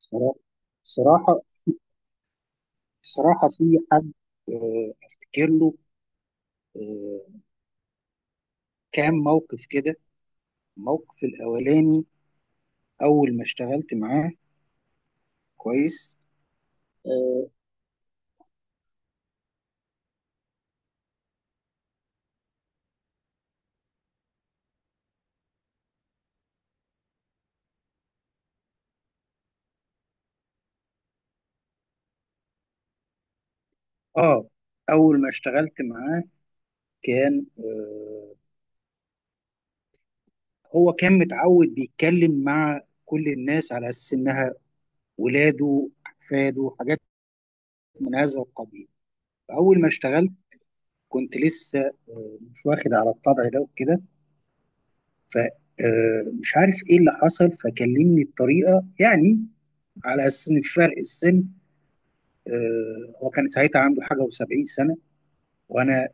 صراحة صراحة صراحة في حد، أفتكر له آه، كام موقف كده. الموقف الأولاني أول ما اشتغلت معاه. كويس. آه آه، أول ما اشتغلت معاه كان هو كان متعود بيتكلم مع كل الناس على أساس إنها ولاده أحفاده حاجات من هذا القبيل. أول ما اشتغلت كنت لسه مش واخد على الطبع ده وكده، فمش عارف ايه اللي حصل فكلمني بطريقه يعني على اساس ان فرق السن. هو كان ساعتها عنده حاجه و70 سنه، وانا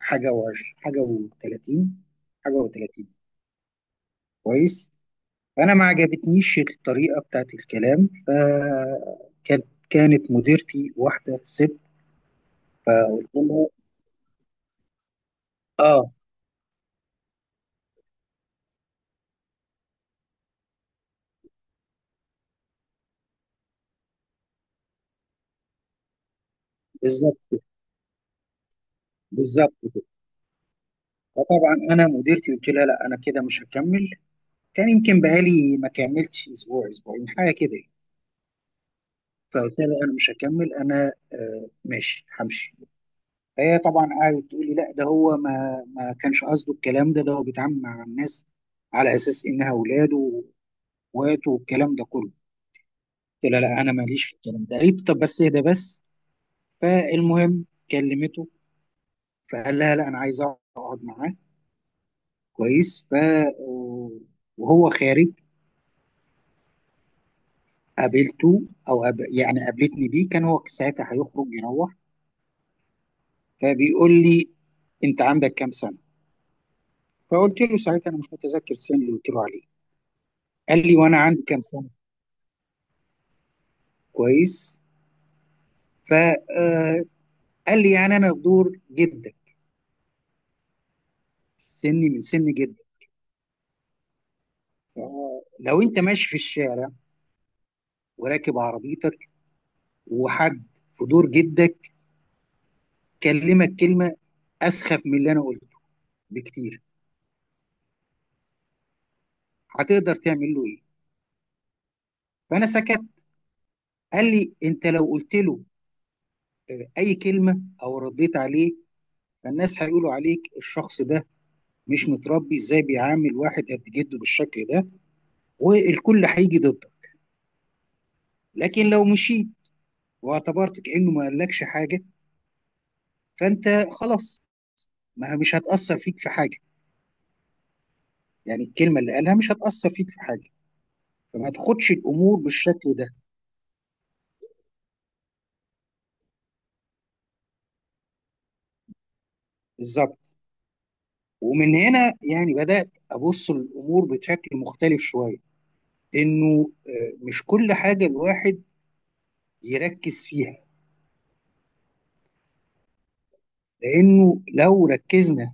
حاجه و، حاجه و30، حاجه و30. كويس. فانا ما عجبتنيش الطريقه بتاعت الكلام، فكانت مديرتي واحده ست، فقلت لها اه، بالظبط كده، بالظبط كده. فطبعا انا مديرتي قلت لها لا انا كده مش هكمل. كان يمكن بقالي ما كملتش اسبوع اسبوعين حاجه كده يعني. فقلت لها لا انا مش هكمل انا، ماشي همشي. فهي طبعا قعدت تقول لي لا ده هو ما كانش قصده الكلام ده هو بيتعامل مع الناس على اساس انها اولاده واخواته والكلام ده كله. قلت لها لا انا ماليش في الكلام ده. قالت طب بس ده بس. فالمهم كلمته، فقال لها لا انا عايز اقعد معاه. كويس. ف آه، وهو خارج قابلته، او قابلتني بيه، كان هو ساعتها هيخرج يروح، فبيقول لي انت عندك كام سنه. فقلت له ساعتها انا مش متذكر السن اللي قلت له عليه. قال لي وانا عندي كام سنه. كويس. فقال لي يعني انا في دور جدا، سني من سن جدا. لو انت ماشي في الشارع وراكب عربيتك، وحد في دور جدك كلمك كلمه اسخف من اللي انا قلته بكتير، هتقدر تعمل له ايه؟ فانا سكت. قال لي انت لو قلت له اي كلمه او رديت عليه، فالناس هيقولوا عليك الشخص ده مش متربي، ازاي بيعامل واحد قد جده بالشكل ده؟ والكل هيجي ضدك. لكن لو مشيت واعتبرت كأنه ما قالكش حاجة فأنت خلاص، ما مش هتأثر فيك في حاجة، يعني الكلمة اللي قالها مش هتأثر فيك في حاجة. فما تاخدش الأمور بالشكل ده. بالظبط. ومن هنا يعني بدأت أبص الأمور بشكل مختلف شوية، إنه مش كل حاجة الواحد يركز فيها، لأنه لو ركزنا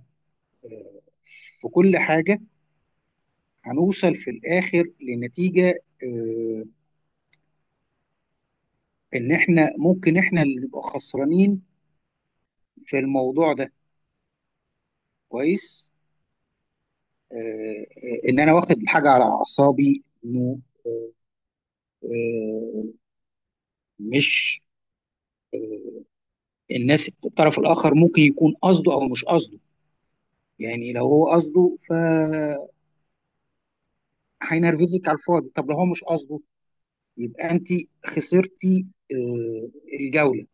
في كل حاجة هنوصل في الآخر لنتيجة، آه، إن إحنا ممكن إحنا اللي نبقى خسرانين في الموضوع ده. كويس. آه، ان انا واخد الحاجه على اعصابي، انه آه، مش، الناس الطرف الاخر ممكن يكون قصده او مش قصده. يعني لو هو قصده ف هينرفزك على الفاضي، طب لو هو مش قصده يبقى انت خسرتي آه، الجوله،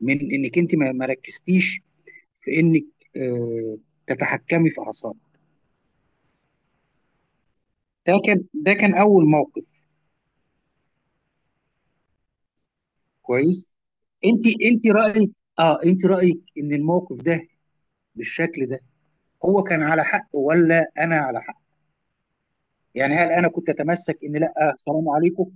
من انك انت ما ركزتيش في انك آه، تتحكمي في اعصابك. ده كان، ده كان اول موقف. كويس. انت، انت رايك، اه انت رايك ان الموقف ده بالشكل ده هو كان على حق ولا انا على حق؟ يعني هل انا كنت اتمسك ان لا سلام عليكم؟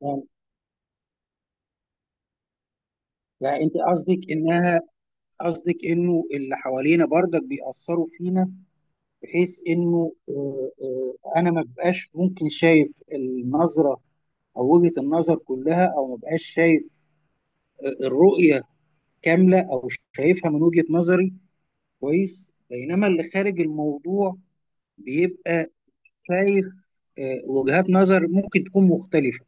يعني, يعني, انت قصدك انها، قصدك انه اللي حوالينا برضك بيأثروا فينا، بحيث انه انا ما بقاش ممكن شايف النظرة او وجهة النظر كلها، او ما بقاش شايف الرؤية كاملة، او شايفها من وجهة نظري. كويس. بينما اللي خارج الموضوع بيبقى شايف وجهات نظر ممكن تكون مختلفة.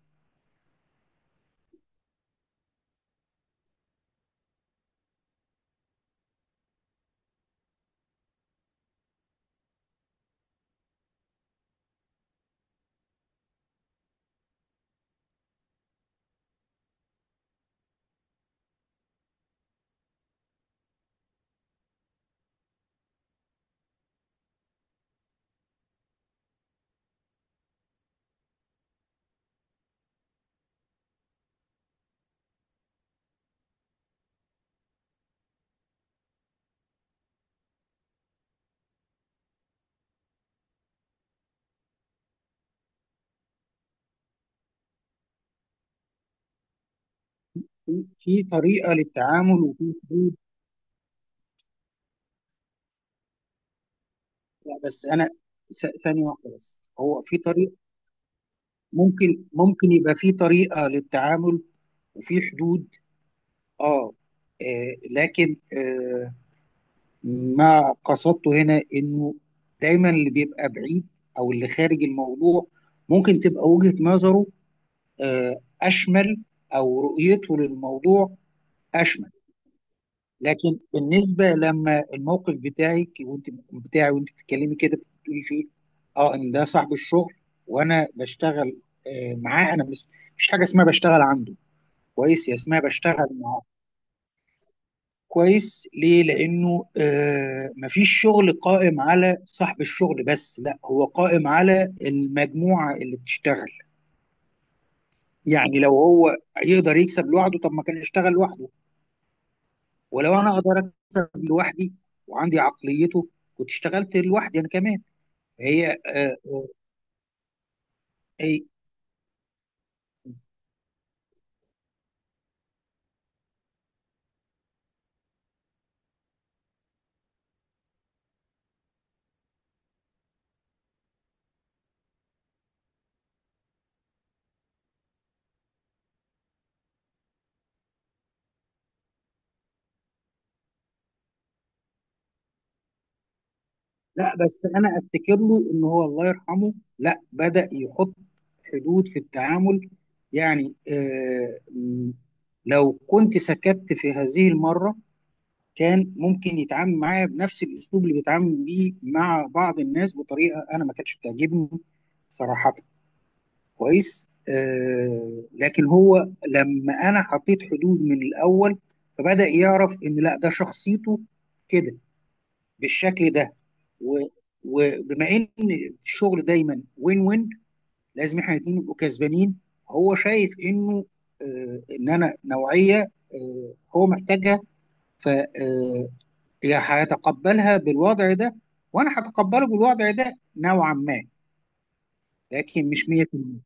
في طريقة للتعامل وفي حدود. لا، بس أنا، ثانية واحدة بس، هو في طريقة، ممكن يبقى في طريقة للتعامل وفي حدود. آه, لكن ما قصدته هنا إنه دايما اللي بيبقى بعيد أو اللي خارج الموضوع ممكن تبقى وجهة نظره أشمل، أو رؤيته للموضوع أشمل. لكن بالنسبه لما الموقف بتاعك وانت، بتاعي وانت بتتكلمي كده بتقولي فيه اه، ان ده صاحب الشغل وانا بشتغل معاه، انا مش حاجه اسمها بشتغل عنده، كويس، يا اسمها بشتغل معاه. كويس. ليه؟ لانه مفيش شغل قائم على صاحب الشغل بس، لا هو قائم على المجموعه اللي بتشتغل. يعني لو هو يقدر يكسب لوحده، طب ما كان يشتغل لوحده. ولو انا اقدر اكسب لوحدي وعندي عقليته كنت اشتغلت لوحدي انا كمان. هي آه، آه، هي لا، بس انا افتكر له ان هو الله يرحمه لا بدأ يحط حدود في التعامل. يعني لو كنت سكت في هذه المرة كان ممكن يتعامل معايا بنفس الاسلوب اللي بيتعامل بيه مع بعض الناس بطريقة انا ما كانتش بتعجبني صراحة. كويس. لكن هو لما انا حطيت حدود من الاول فبدأ يعرف ان لا ده شخصيته كده بالشكل ده، و- وبما ان الشغل دايما وين وين، لازم احنا الاثنين نبقوا كسبانين. هو شايف انه ان انا نوعيه هو محتاجها، ف يا هيتقبلها بالوضع ده وانا هتقبله بالوضع ده نوعا ما، لكن مش 100%.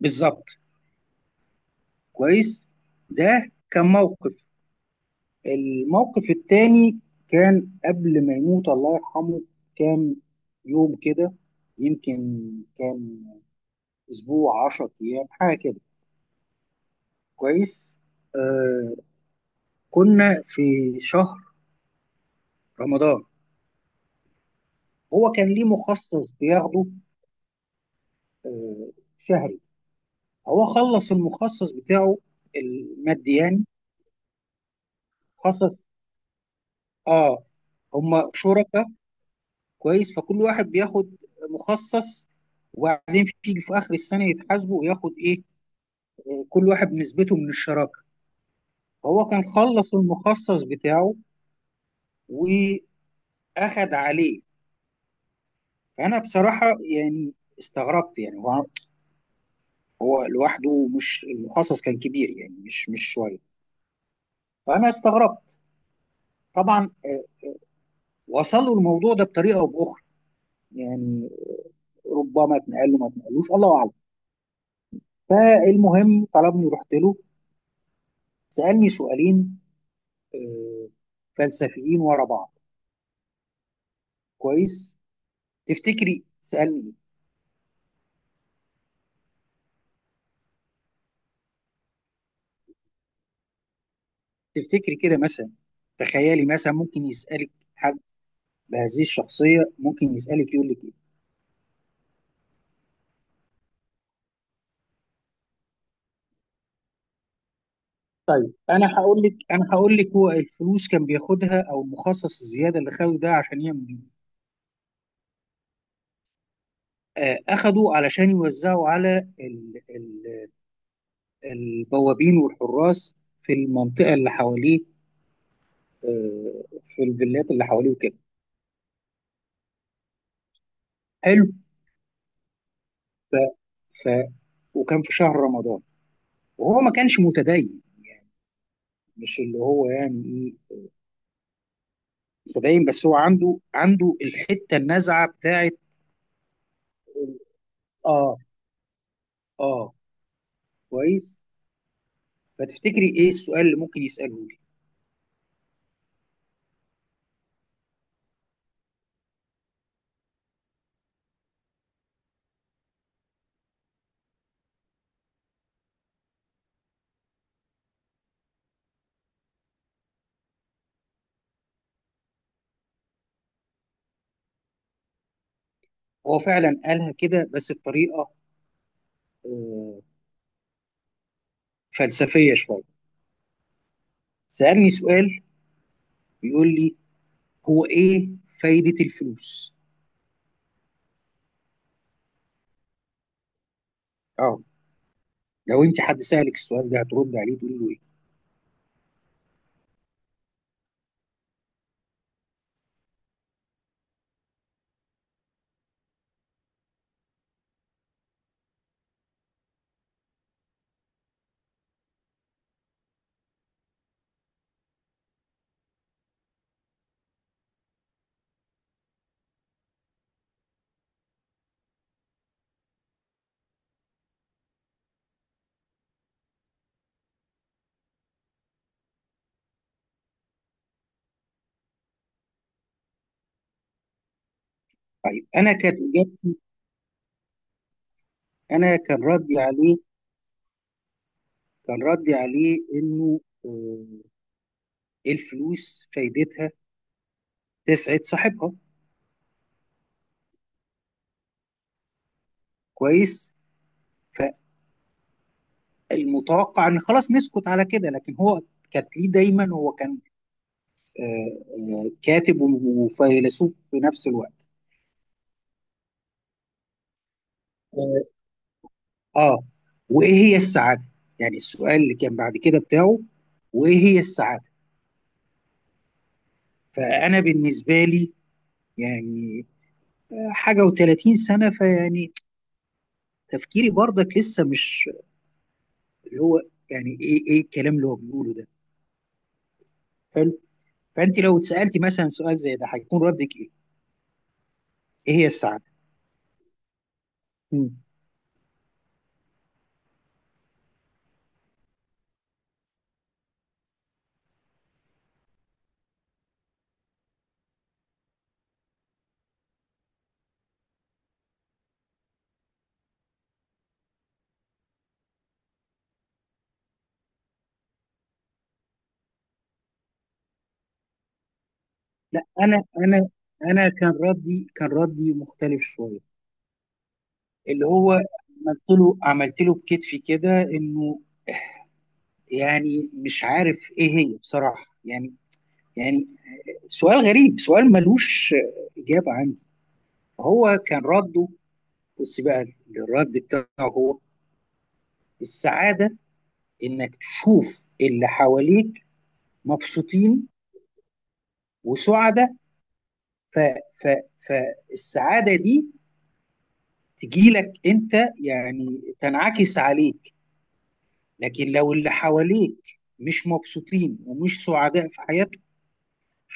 بالظبط. كويس. ده كان موقف. الموقف التاني كان قبل ما يموت الله يرحمه كام يوم كده يمكن، كام اسبوع 10 ايام حاجه كده. كويس. آه كنا في شهر رمضان. هو كان ليه مخصص بياخده آه شهري. هو خلص المخصص بتاعه المادي يعني. خصص، اه، هم شركاء. كويس. فكل واحد بياخد مخصص، وبعدين في اخر السنه يتحاسبوا وياخد ايه كل واحد نسبته من الشراكه. هو كان خلص المخصص بتاعه واخد عليه. فانا بصراحه يعني استغربت، يعني هو لوحده، مش المخصص كان كبير يعني مش شويه، فانا استغربت طبعا. وصلوا الموضوع ده بطريقه او باخرى يعني، ربما اتنقل له ما اتنقلوش الله اعلم. المهم طلبني رحت له، سالني سؤالين آه، فلسفيين ورا بعض. كويس. تفتكري سألني ايه؟ تفتكري كده مثلا، تخيلي مثلا ممكن يسألك حد بهذه الشخصية ممكن يسألك يقول لك ايه؟ طيب انا هقول لك، هو الفلوس كان بياخدها او المخصص الزياده اللي خده ده عشان يعمل بيه اخده علشان يوزعه على البوابين والحراس في المنطقه اللي حواليه، آه، في الفيلات اللي حواليه وكده. حلو. ف... ف... وكان في شهر رمضان وهو ما كانش متدين يعني، مش اللي هو يعني ايه متدين، بس هو عنده، عنده الحته النزعه بتاعت ال- اه اه. كويس. فتفتكري ايه السؤال اللي ممكن يساله لي؟ هو فعلا قالها كده بس بطريقه آه فلسفيه شويه. سالني سؤال، بيقول لي هو ايه فايده الفلوس؟ اه. لو انت حد سالك السؤال ده هترد عليه تقول له ايه؟ طيب انا كانت اجابتي، انا كان ردي عليه، انه آه، الفلوس فايدتها تسعد صاحبها. كويس. فالمتوقع ان خلاص نسكت على كده، لكن هو كانت ليه دايما، هو كان آه، كاتب وفيلسوف في نفس الوقت. اه. آه. وايه هي السعاده؟ يعني السؤال اللي كان بعد كده بتاعه، وايه هي السعاده. فانا بالنسبه لي يعني حاجه و30 سنه فيعني تفكيري برضك لسه مش، اللي هو يعني ايه ايه الكلام اللي هو بيقوله ده. حلو. فانت لو اتسالتي مثلا سؤال زي ده هيكون ردك ايه؟ ايه هي السعاده؟ مم. لا انا انا كان ردي، كان ردي مختلف شويه، اللي هو عملت له بكتفي كده، انه يعني مش عارف ايه هي بصراحه يعني، يعني سؤال غريب، سؤال ملوش اجابه عندي. هو كان رده، بص بقى، الرد بتاعه هو السعاده انك تشوف اللي حواليك مبسوطين وسعداء. ف ف فالسعاده دي تجي لك انت، يعني تنعكس عليك. لكن لو اللي حواليك مش مبسوطين ومش سعداء في حياتهم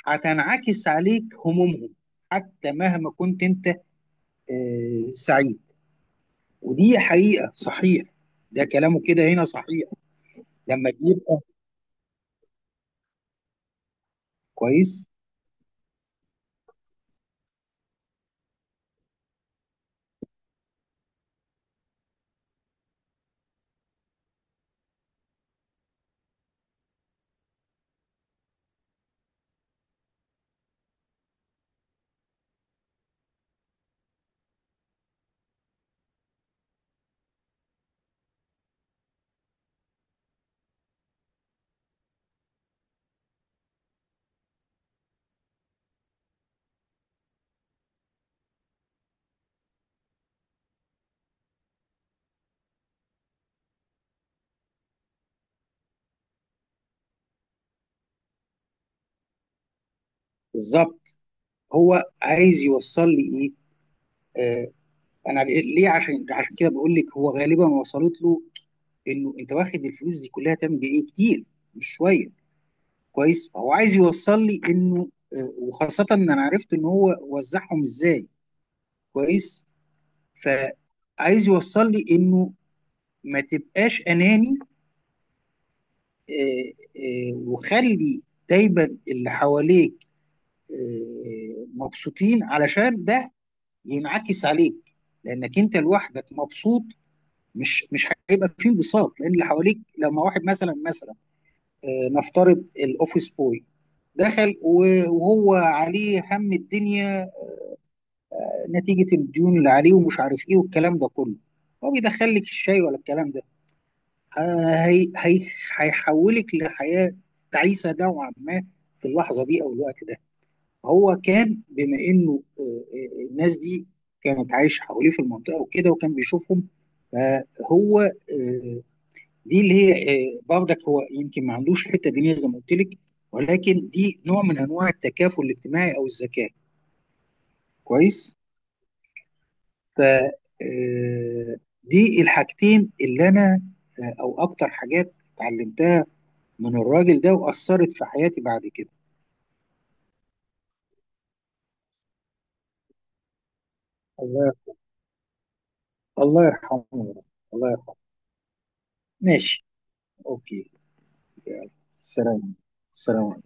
هتنعكس عليك همومهم، حتى مهما كنت انت سعيد. ودي حقيقه صحيح، ده كلامه كده هنا صحيح. لما بيبقى، كويس، بالظبط. هو عايز يوصل لي ايه؟ انا ليه عشان، عشان كده بقول لك هو غالبا وصلت له انه انت واخد الفلوس دي كلها تعمل بيها ايه، كتير مش شويه. كويس. فهو عايز يوصل لي انه وخاصه ان انا عرفت ان هو وزعهم ازاي. كويس. فعايز يوصل لي انه ما تبقاش اناني، وخلي دايما اللي حواليك مبسوطين علشان ده ينعكس عليك، لانك انت لوحدك مبسوط مش، مش هيبقى فيه انبساط، لان اللي حواليك لما واحد مثلا، مثلا نفترض الاوفيس بوي دخل وهو عليه هم الدنيا نتيجة الديون اللي عليه ومش عارف ايه والكلام ده كله، هو بيدخل لك الشاي ولا الكلام ده آه، هي هي هيحولك لحياة تعيسة نوعا ما في اللحظة دي أو الوقت ده. هو كان بما إنه الناس دي كانت عايشة حواليه في المنطقة وكده وكان بيشوفهم، فهو آه، دي اللي هي برضك هو يمكن ما عندوش الحته الدينيه زي ما قلت لك، ولكن دي نوع من انواع التكافل الاجتماعي او الذكاء. كويس. ف آه، دي الحاجتين اللي انا او اكتر حاجات اتعلمتها من الراجل ده واثرت في حياتي بعد كده. الله، الله يرحمه يا رب، الله يرحمه. ماشي. اوكي. يلا. سلام. سلام.